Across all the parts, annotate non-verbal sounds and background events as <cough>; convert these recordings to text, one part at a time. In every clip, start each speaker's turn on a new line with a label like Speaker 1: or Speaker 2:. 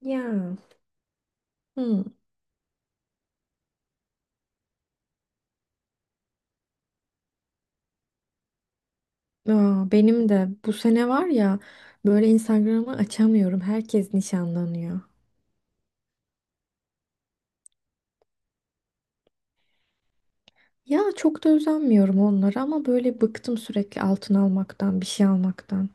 Speaker 1: Ya. Hı. Aa, benim de bu sene var ya böyle Instagram'ı açamıyorum. Herkes nişanlanıyor. Ya çok da özenmiyorum onlara ama böyle bıktım sürekli altın almaktan, bir şey almaktan.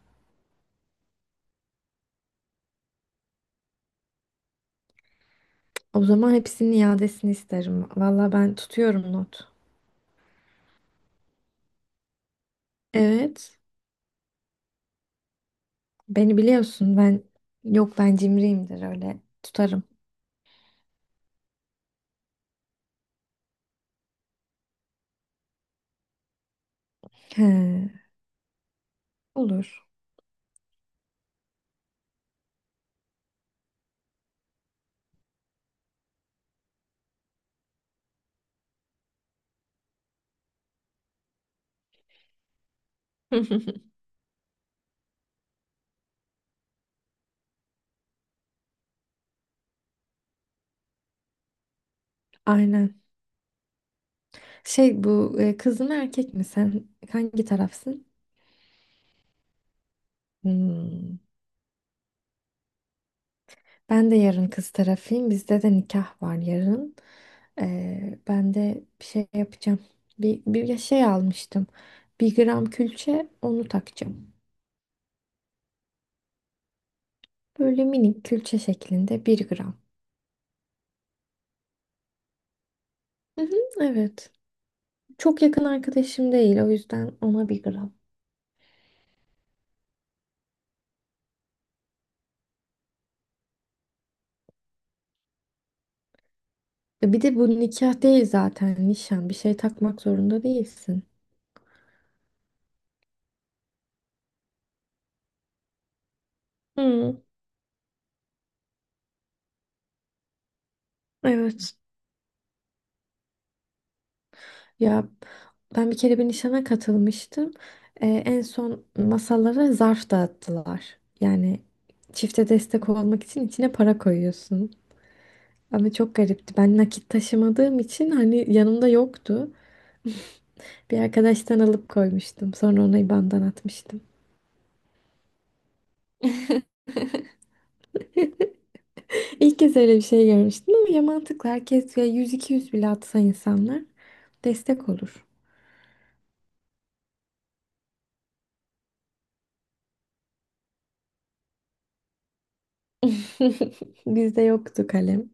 Speaker 1: O zaman hepsinin iadesini isterim. Valla ben tutuyorum not. Evet. Beni biliyorsun ben yok ben cimriyimdir öyle tutarım. He, olur. <laughs> Aynen. Şey bu kız mı erkek mi sen hangi tarafsın? Hmm. Ben de yarın kız tarafıyım. Bizde de nikah var yarın. Ben de bir şey yapacağım. Bir şey almıştım. Bir gram külçe onu takacağım. Böyle minik külçe şeklinde bir gram. Hı hı, evet. Çok yakın arkadaşım değil. O yüzden ona bir gram. E bir de bu nikah değil zaten nişan. Bir şey takmak zorunda değilsin. Hı, evet. Ya ben bir kere bir nişana katılmıştım. En son masalara zarf dağıttılar. Yani çifte destek olmak için içine para koyuyorsun. Ama çok garipti. Ben nakit taşımadığım için hani yanımda yoktu. Bir arkadaştan alıp koymuştum. Sonra ona IBAN'dan atmıştım. <laughs> İlk kez öyle bir şey görmüştüm ama ya mantıklı. Herkes ya 100-200 bile atsa insanlar destek olur. <laughs> Bizde yoktu kalem.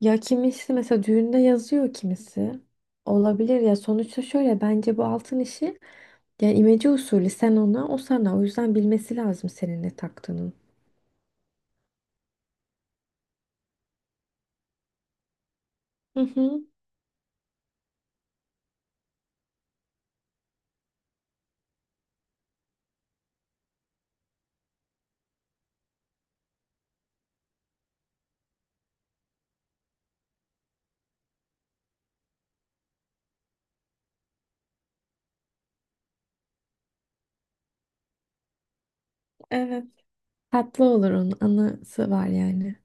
Speaker 1: Ya kimisi mesela düğünde yazıyor kimisi. Olabilir ya sonuçta şöyle bence bu altın işi yani imece usulü sen ona o sana o yüzden bilmesi lazım senin ne taktığının. Hı hı, evet. Tatlı olur onun anısı var yani.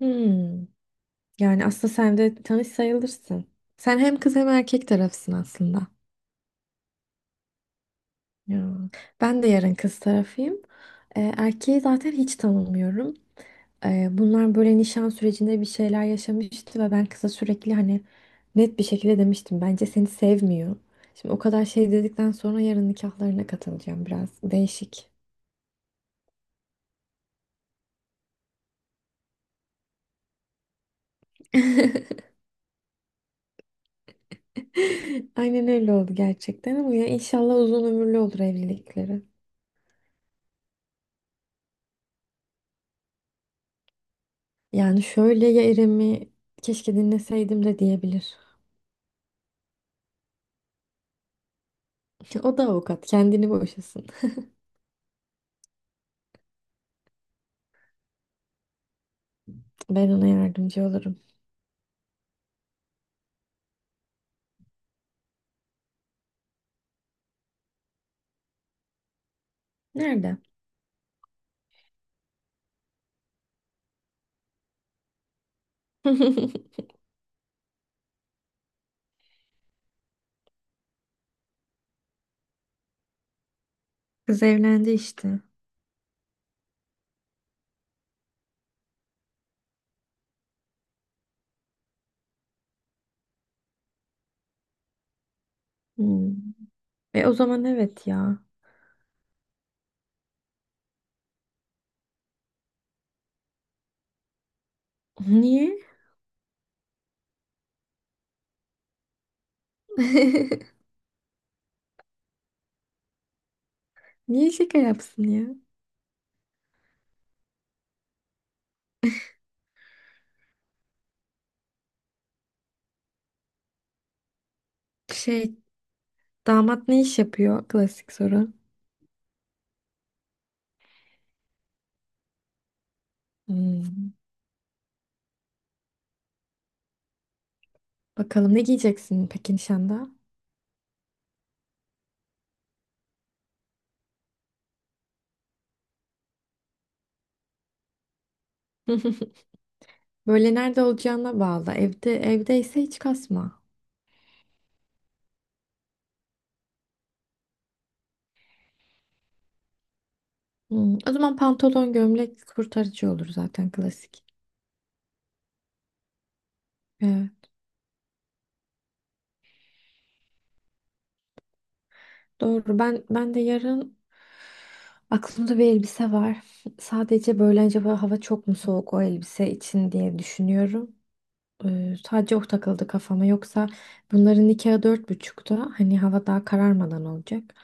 Speaker 1: Hmm. Yani aslında sen de tanış sayılırsın. Sen hem kız hem erkek tarafısın aslında. Ya. Ben de yarın kız tarafıyım. Erkeği zaten hiç tanımıyorum. Bunlar böyle nişan sürecinde bir şeyler yaşamıştı ve ben kıza sürekli hani net bir şekilde demiştim. Bence seni sevmiyor. Şimdi o kadar şey dedikten sonra yarın nikahlarına katılacağım biraz. Değişik. <laughs> Aynen öyle oldu gerçekten ama ya inşallah uzun ömürlü olur evlilikleri. Yani şöyle ya İrem'i keşke dinleseydim de diyebilir. <laughs> O da avukat kendini boşasın. Ben ona yardımcı olurum. Nerede? <laughs> Kız evlendi işte. Hmm. E o zaman evet ya. Niye? <laughs> Niye şaka yapsın ya? Şey, damat ne iş yapıyor? Klasik soru. Hmm. Bakalım ne giyeceksin peki nişanda? <laughs> Böyle nerede olacağına bağlı. Evde evdeyse hiç kasma. Hmm, o zaman pantolon, gömlek kurtarıcı olur zaten klasik. Evet, doğru. Ben de yarın aklımda bir elbise var. Sadece böyle acaba hava çok mu soğuk o elbise için diye düşünüyorum. Sadece o takıldı kafama. Yoksa bunların nikahı 16.30'da. Hani hava daha kararmadan olacak.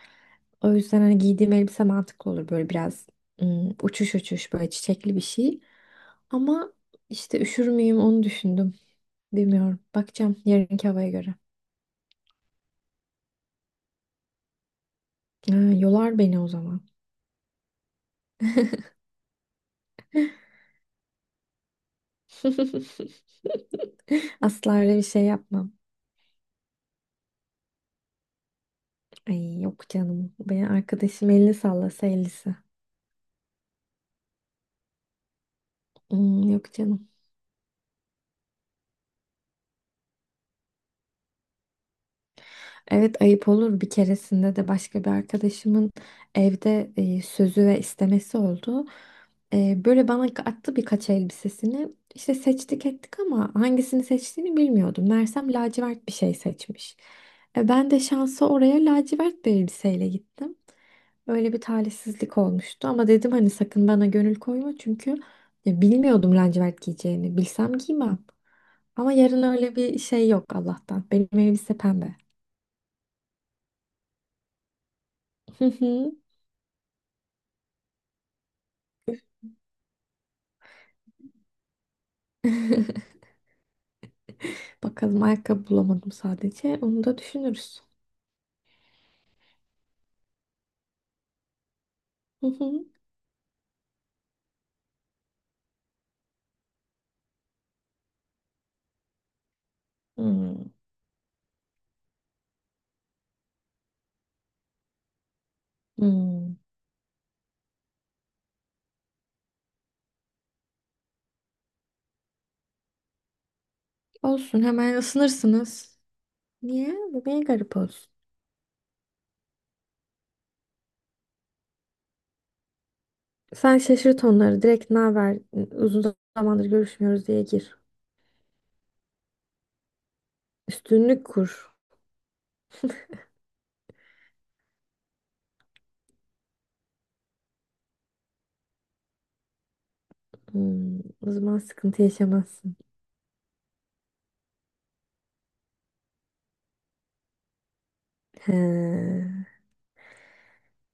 Speaker 1: O yüzden hani giydiğim elbise mantıklı olur. Böyle biraz uçuş uçuş böyle çiçekli bir şey. Ama işte üşür müyüm onu düşündüm. Bilmiyorum. Bakacağım yarınki havaya göre. Ha, yolar beni o zaman. <laughs> Asla öyle bir şey yapmam. Ay yok canım. Benim arkadaşım elini sallasa ellisi. Hmm, yok canım. Evet ayıp olur. Bir keresinde de başka bir arkadaşımın evde sözü ve istemesi oldu. Böyle bana attı birkaç elbisesini. İşte seçtik ettik ama hangisini seçtiğini bilmiyordum. Meğersem lacivert bir şey seçmiş. Ben de şansa oraya lacivert bir elbiseyle gittim. Öyle bir talihsizlik olmuştu ama dedim hani sakın bana gönül koyma çünkü ya, bilmiyordum lacivert giyeceğini. Bilsem giymem. Ama yarın öyle bir şey yok Allah'tan. Benim elbise pembe. Hı hı. <laughs> Bakalım ayakkabı bulamadım sadece. Onu da düşünürüz. Hı hı. Hmm. Hmm. Olsun hemen ısınırsınız. Niye? Bu niye garip olsun? Sen şaşırt onları. Direkt ne haber? Uzun zamandır görüşmüyoruz diye gir. Üstünlük kur. Hmm. O zaman sıkıntı yaşamazsın. He.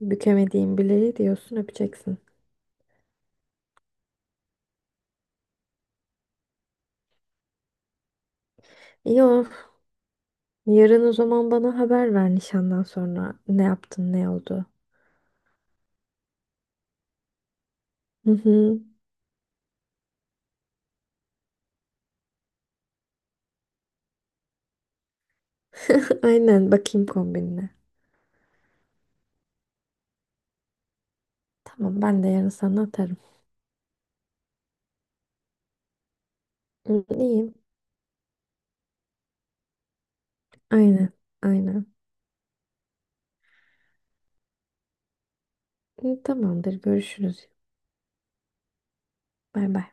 Speaker 1: Bükemediğin bileği diyorsun öpeceksin. İyi. Yarın o zaman bana haber ver nişandan sonra. Ne yaptın ne oldu? Hı hı. <laughs> Aynen bakayım kombinine. Tamam ben de yarın sana atarım. Hı, İyiyim. Aynen. Aynen. Hı, tamamdır görüşürüz. Bay bay.